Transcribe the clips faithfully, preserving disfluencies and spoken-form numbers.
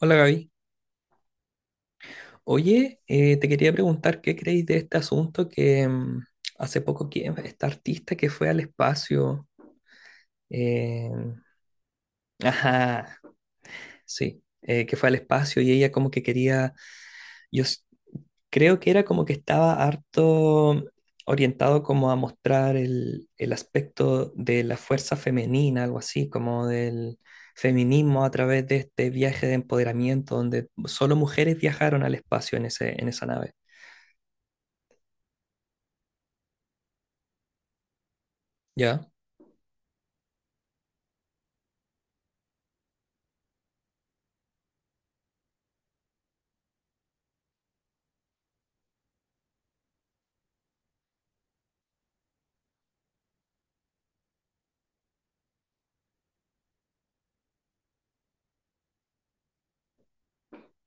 Hola Gaby. Oye, eh, te quería preguntar qué creéis de este asunto que mm, hace poco que esta artista que fue al espacio, eh, ajá, sí, eh, que fue al espacio y ella como que quería, yo s- creo que era como que estaba harto orientado como a mostrar el, el aspecto de la fuerza femenina, algo así, como del feminismo a través de este viaje de empoderamiento donde solo mujeres viajaron al espacio en ese, en esa nave. ¿Ya?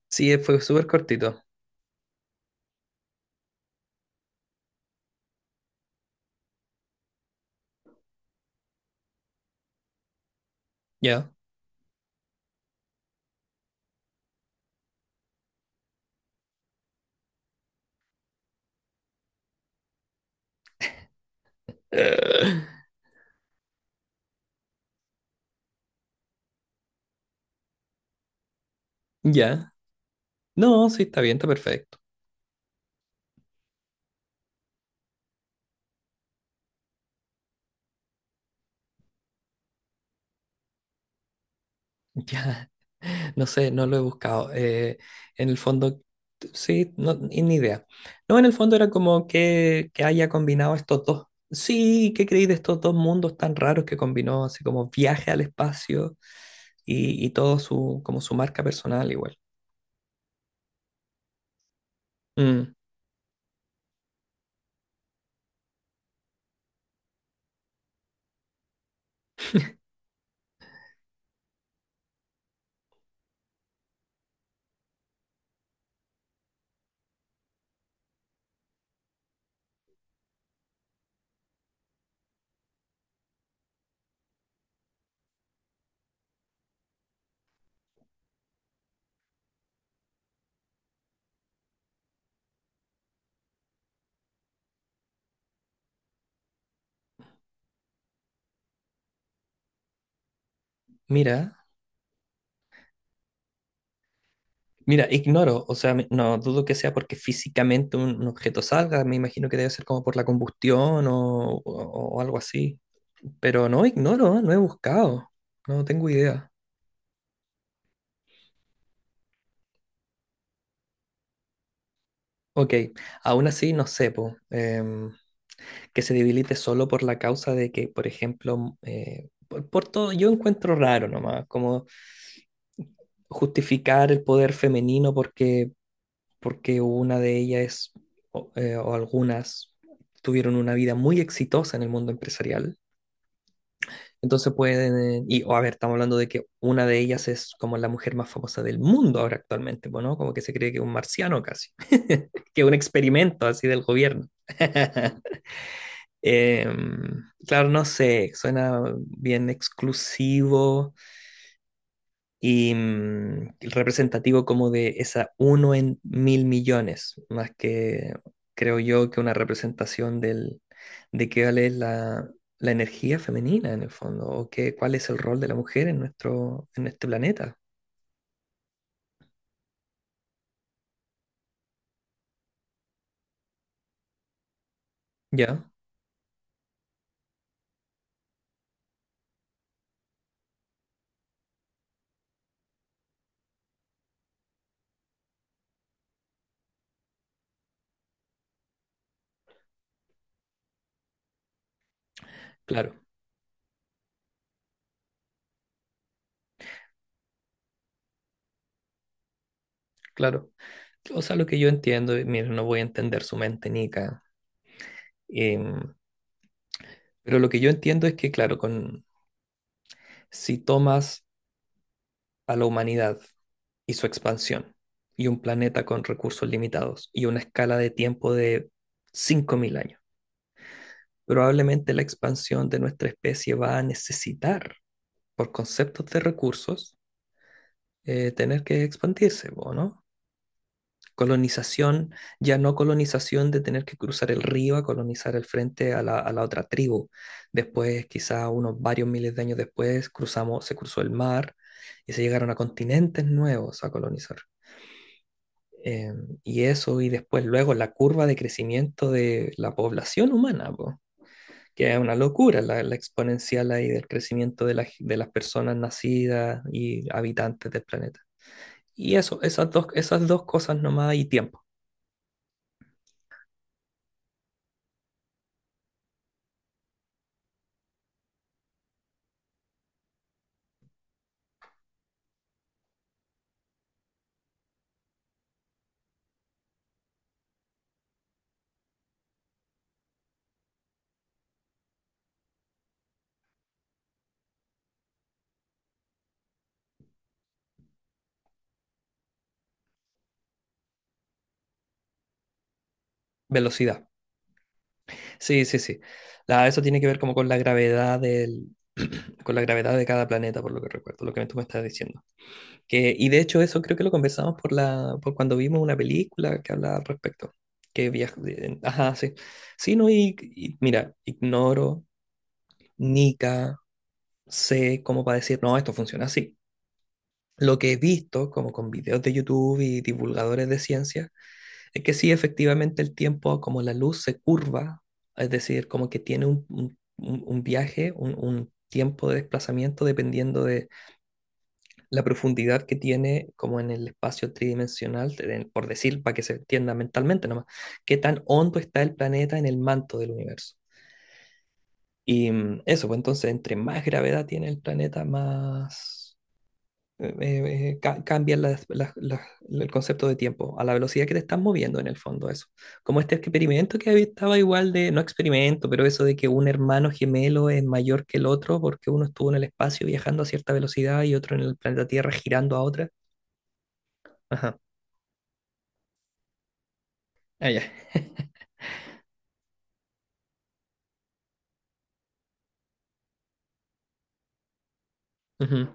Sí, eh, fue súper cortito. Ya. Eh, Ya. No, sí, está bien, está perfecto. Ya. No sé, no lo he buscado. Eh, en el fondo, sí, no, ni ni idea. No, en el fondo era como que, que haya combinado estos dos. Sí, ¿qué creí de estos dos mundos tan raros que combinó? Así como viaje al espacio y, y todo su, como su marca personal igual. Mm, Mira. Mira, ignoro, o sea, me- no dudo que sea porque físicamente un, un objeto salga, me imagino que debe ser como por la combustión o, o- o algo así. Pero no ignoro, no he buscado, no tengo idea. Ok, aún así no sé, po, em, que se debilite solo por la causa de que, por ejemplo, m- eh, por, por todo, yo encuentro raro nomás, como justificar el poder femenino porque porque una de ellas o, eh, o algunas tuvieron una vida muy exitosa en el mundo empresarial. Entonces pueden, y o a ver, estamos hablando de que una de ellas es como la mujer más famosa del mundo ahora actualmente, pues, ¿no? Como que se cree que es un marciano casi, que es un experimento así del gobierno. Eh, claro, no sé, suena bien exclusivo, y mm, representativo como de esa uno en mil millones, más que creo yo que una representación del, de qué vale la, la energía femenina en el fondo, o qué, cuál es el rol de la mujer en nuestro, en este planeta. Ya, claro, claro. O sea, lo que yo entiendo, y mira, no voy a entender su mente, Nica, em, pero lo que yo entiendo es que, claro, con, si tomas a la humanidad y su expansión, y un planeta con recursos limitados, y una escala de tiempo de cinco mil años. Probablemente la expansión de nuestra especie va a necesitar, por conceptos de recursos, eh, tener que expandirse, ¿o no? Colonización, ya no colonización de tener que cruzar el río a colonizar el frente a la, a la otra tribu. Después, quizá unos varios miles de años después, cruzamos, se cruzó el mar y se llegaron a continentes nuevos a colonizar. Eh, y eso, y después luego la curva de crecimiento de la población humana, po, que es una locura la, la exponencial ahí del crecimiento de, la- g- de las personas nacidas y habitantes del planeta. Y eso, esas dos, esas dos cosas nomás y tiempo, velocidad. Sí, sí, sí. La, eso tiene que ver como con la gravedad del, con la gravedad de cada planeta, por lo que recuerdo, lo que tú me estás diciendo. Que, y de hecho eso creo que lo conversamos por la, por cuando vimos una película que hablaba al respecto. Que viaja, eh, ajá, sí. Sí, no, y, y mira, ignoro, nica, sé cómo para decir, no, esto funciona así. Lo que he visto, como con videos de YouTube y divulgadores de ciencia, es que sí, efectivamente el tiempo, como la luz se curva, es decir, como que tiene un, un- un- un viaje, un, un tiempo de desplazamiento dependiendo la profundidad que tiene como en el espacio tridimensional, de- por decir, para que se entienda mentalmente nomás, qué tan hondo está el planeta en el manto del universo. Y mm, eso, pues entonces, entre más gravedad tiene el planeta, más eh, eh, eh, ca- cambia las- las- las- el concepto de tiempo, a la velocidad que te estás moviendo en el fondo, eso. Como este experimento que había- estaba igual de, no experimento, pero eso de que un hermano gemelo es mayor que el otro porque uno estuvo en el espacio viajando a cierta velocidad y otro en el planeta Tierra girando a otra. Ajá. Ah, ya. Ujú.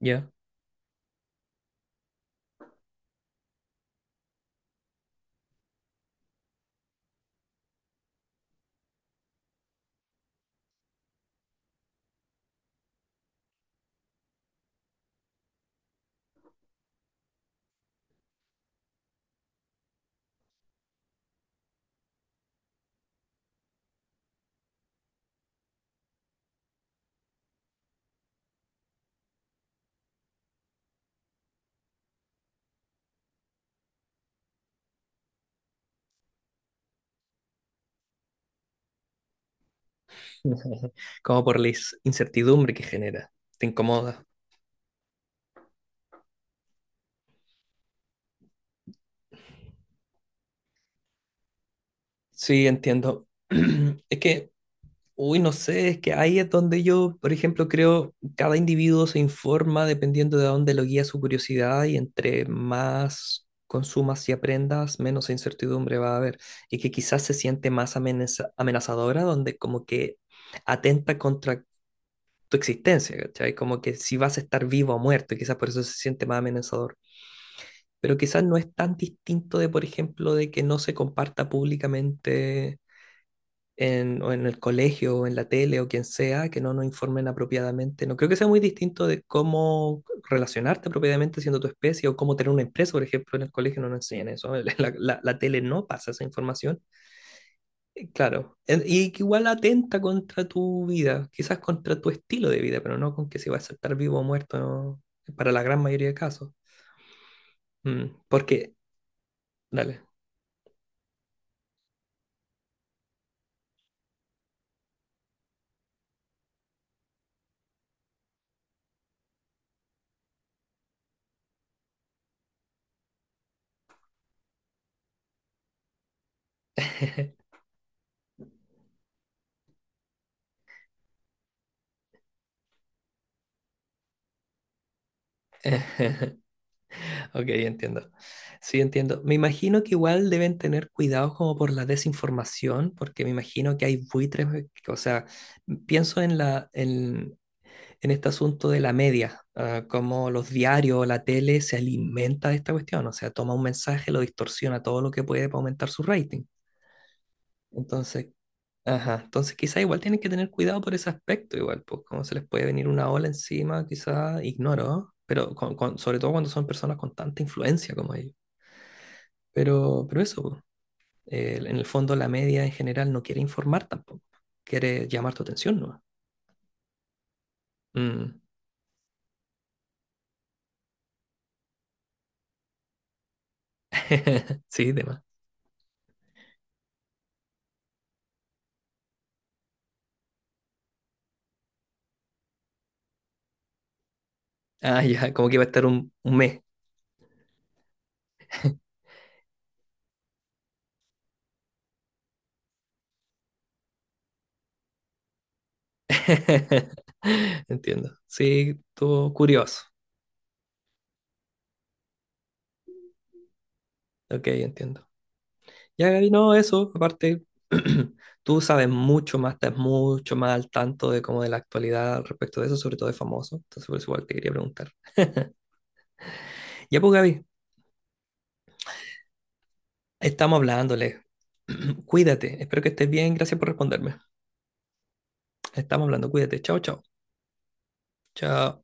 Ya. Como por la is- incertidumbre que genera. Te incomoda. Sí, entiendo. Es que, uy, no sé, es que ahí es donde yo, por ejemplo, creo cada individuo se informa dependiendo de dónde lo guía su curiosidad y entre más consumas y aprendas, menos incertidumbre va a haber. Y que quizás se siente más amenaza- amenazadora, donde como que atenta contra tu existencia, ¿cachai? Como que si vas a estar vivo o muerto, y quizás por eso se siente más amenazador. Pero quizás no es tan distinto de, por ejemplo, de que no se comparta públicamente en, o en el colegio o en la tele o quien sea, que no nos informen apropiadamente. No creo que sea muy distinto de cómo relacionarte apropiadamente siendo tu especie o cómo tener una empresa, por ejemplo, en el colegio no nos enseñan eso. La, la- la tele no pasa esa información. Eh, Claro, En- y que igual atenta contra tu vida, quizás contra tu estilo de vida, pero no con que si vas a estar vivo o muerto, ¿no? Para la gran mayoría de casos. Mm, porque, dale. Ok, entiendo. Sí, entiendo. Me imagino que igual deben tener cuidado como por la desinformación, porque me imagino que hay buitres, eh, que- o sea, pienso en la, en, en este asunto de la media, ah, como los diarios, la tele se alimenta de esta cuestión, o sea, toma un mensaje, lo distorsiona todo lo que puede para aumentar su rating. Entonces, ajá, entonces quizá igual tienen que tener cuidado por ese aspecto, igual, pues como se les puede venir una ola encima, quizá ignoro, pero con- con- sobre todo cuando son personas con tanta influencia como ellos. Pero, pero eso, po. Eh, en el fondo la media en general no quiere informar tampoco, quiere llamar tu atención, ¿no? Mm. Sí, demás. Ah, ya, como que iba a estar un, un mes. Entiendo. Sí, estuvo curioso. Ok, entiendo. Ya, Gaby, no, eso, aparte, tú sabes mucho más, estás mucho más al tanto de como de la actualidad al respecto de eso, sobre todo de famoso. Entonces, por eso igual te quería preguntar. Ya, pues, Gaby, estamos hablándole. Cuídate, espero que estés bien, gracias por responderme. Estamos hablando, cuídate. Chao, chao. Chao.